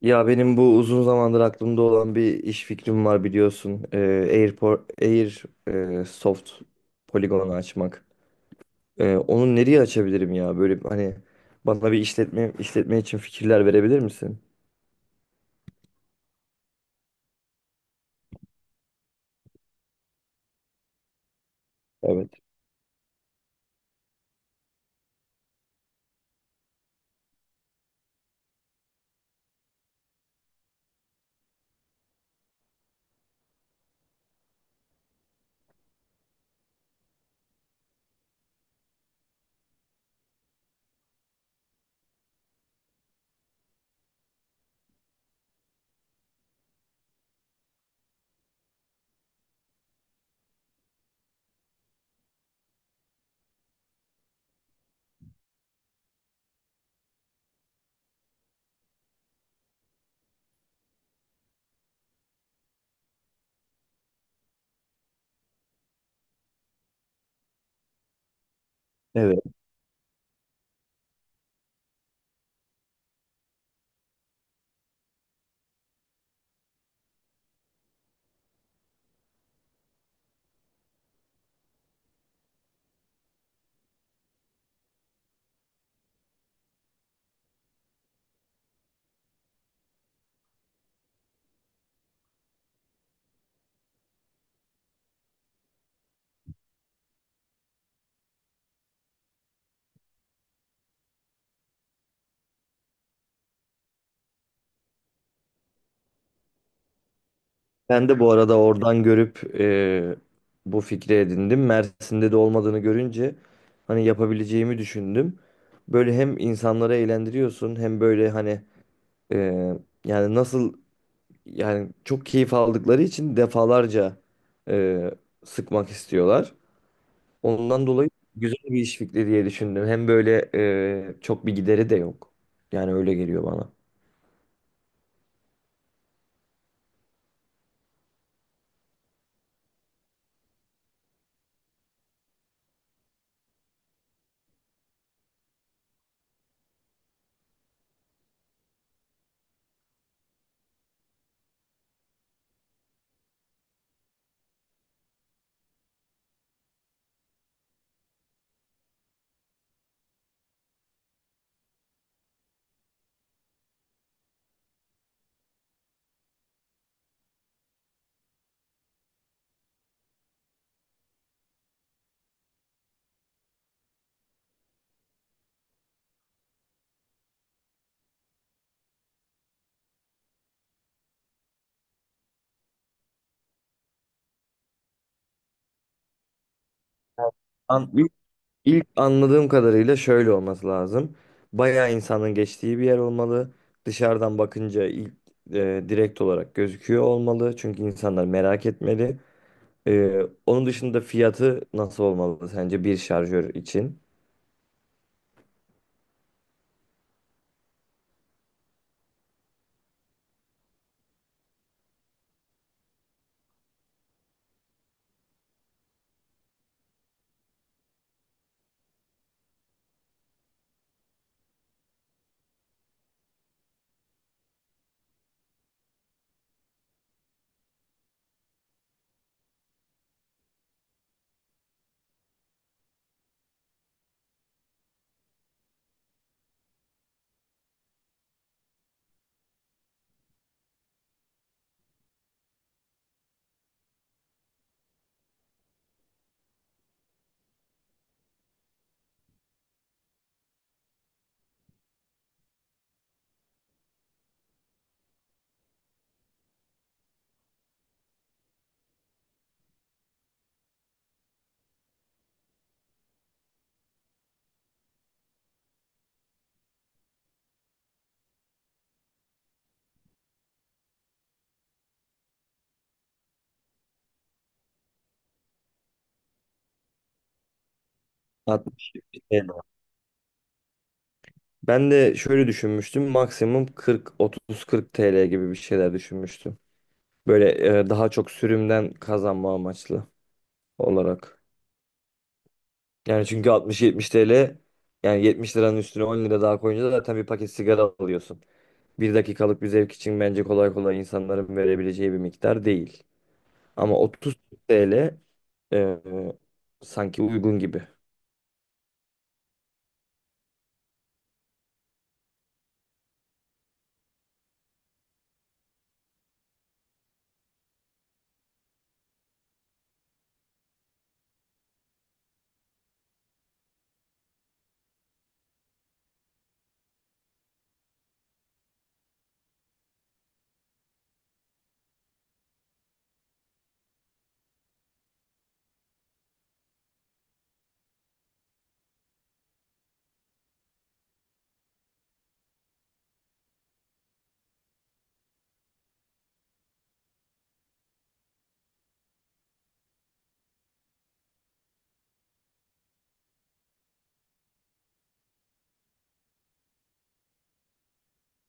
Ya benim bu uzun zamandır aklımda olan bir iş fikrim var, biliyorsun. Air Soft poligonu açmak. Onu nereye açabilirim ya? Böyle hani bana bir işletme için fikirler verebilir misin? Evet. Evet. Ben de bu arada oradan görüp, bu fikri edindim. Mersin'de de olmadığını görünce hani yapabileceğimi düşündüm. Böyle hem insanları eğlendiriyorsun, hem böyle hani, e, yani nasıl yani çok keyif aldıkları için defalarca, e, sıkmak istiyorlar. Ondan dolayı güzel bir iş fikri diye düşündüm. Hem böyle, çok bir gideri de yok. Yani öyle geliyor bana. İlk ilk anladığım kadarıyla şöyle olması lazım. Bayağı insanın geçtiği bir yer olmalı. Dışarıdan bakınca ilk, direkt olarak gözüküyor olmalı. Çünkü insanlar merak etmeli. Onun dışında fiyatı nasıl olmalı sence bir şarjör için? altmış Ben de şöyle düşünmüştüm. Maksimum 40, 30, 40 TL gibi bir şeyler düşünmüştüm. Böyle, daha çok sürümden kazanma amaçlı olarak. Yani çünkü 60, 70 TL, yani 70 liranın üstüne 10 lira daha koyunca da zaten bir paket sigara alıyorsun. Bir dakikalık bir zevk için bence kolay kolay insanların verebileceği bir miktar değil. Ama 30 TL e, sanki uygun gibi.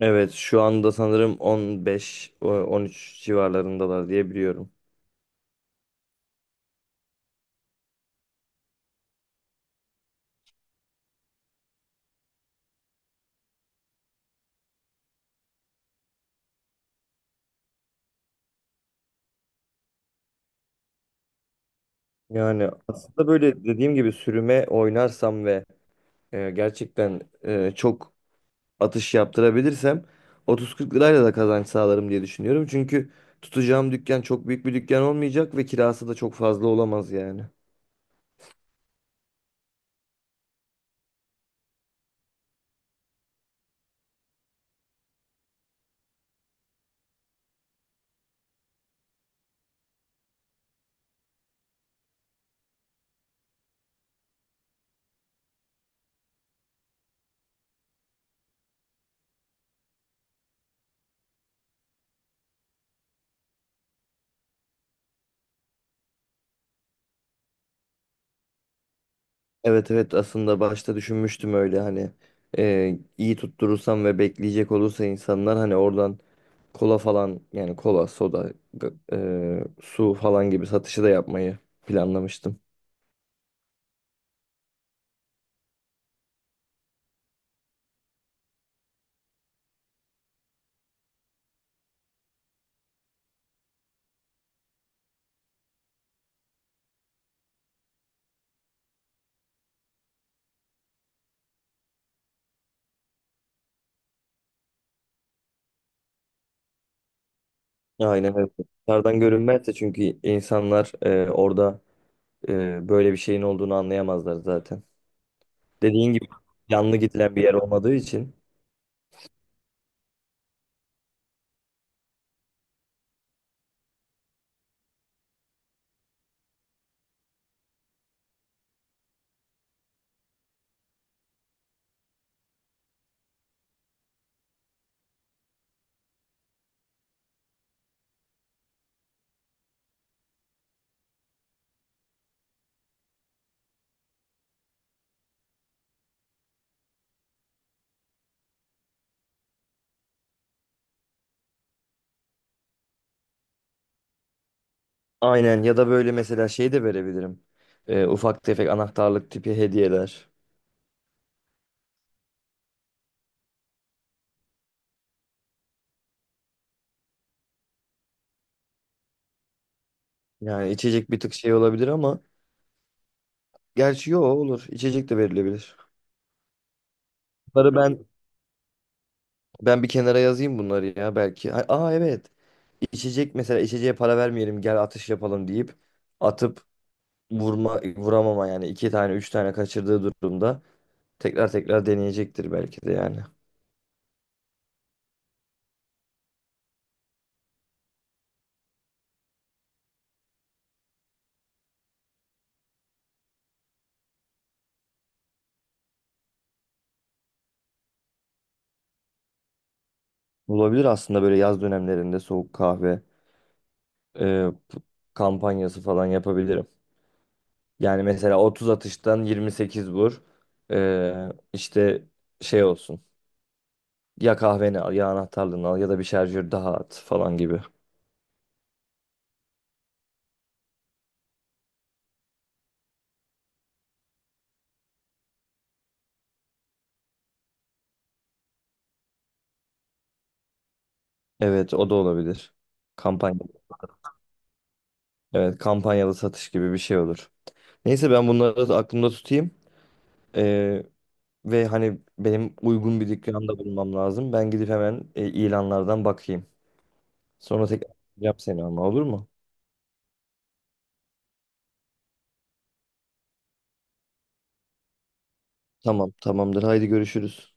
Evet, şu anda sanırım 13 civarlarındalar diye biliyorum. Yani aslında, böyle dediğim gibi, sürüme oynarsam ve gerçekten çok atış yaptırabilirsem, 30-40 lirayla da kazanç sağlarım diye düşünüyorum. Çünkü tutacağım dükkan çok büyük bir dükkan olmayacak ve kirası da çok fazla olamaz yani. Evet, evet, aslında başta düşünmüştüm öyle, hani, iyi tutturursam ve bekleyecek olursa insanlar hani oradan kola falan, yani kola, soda, su falan gibi satışı da yapmayı planlamıştım. Aynen öyle. Dışarıdan görünmezse çünkü insanlar orada, böyle bir şeyin olduğunu anlayamazlar zaten. Dediğin gibi, yanlı gidilen bir yer olmadığı için. Aynen. Ya da böyle mesela şey de verebilirim. Ufak tefek anahtarlık tipi hediyeler. Yani içecek bir tık şey olabilir ama, gerçi yo, olur. İçecek de verilebilir. Bunları ben Ben bir kenara yazayım bunları ya belki. Ha- Aa Evet. İçecek mesela, içeceğe para vermeyelim, gel atış yapalım deyip atıp, vurma vuramama, yani iki tane üç tane kaçırdığı durumda tekrar tekrar deneyecektir belki de yani. Olabilir aslında, böyle yaz dönemlerinde soğuk kahve e, p- kampanyası falan yapabilirim. Yani mesela 30 atıştan 28 vur. E, işte şey olsun. Ya kahveni al, ya anahtarlığını al, ya da bir şarjör daha at falan gibi. Evet, o da olabilir. Kampanya. Evet, kampanyalı satış gibi bir şey olur. Neyse, ben bunları da aklımda tutayım. E, Ve hani benim uygun bir dükkanda bulmam lazım. Ben gidip hemen, ilanlardan bakayım. Sonra tekrar arayacağım seni, ama olur mu? Tamam, tamamdır. Haydi, görüşürüz.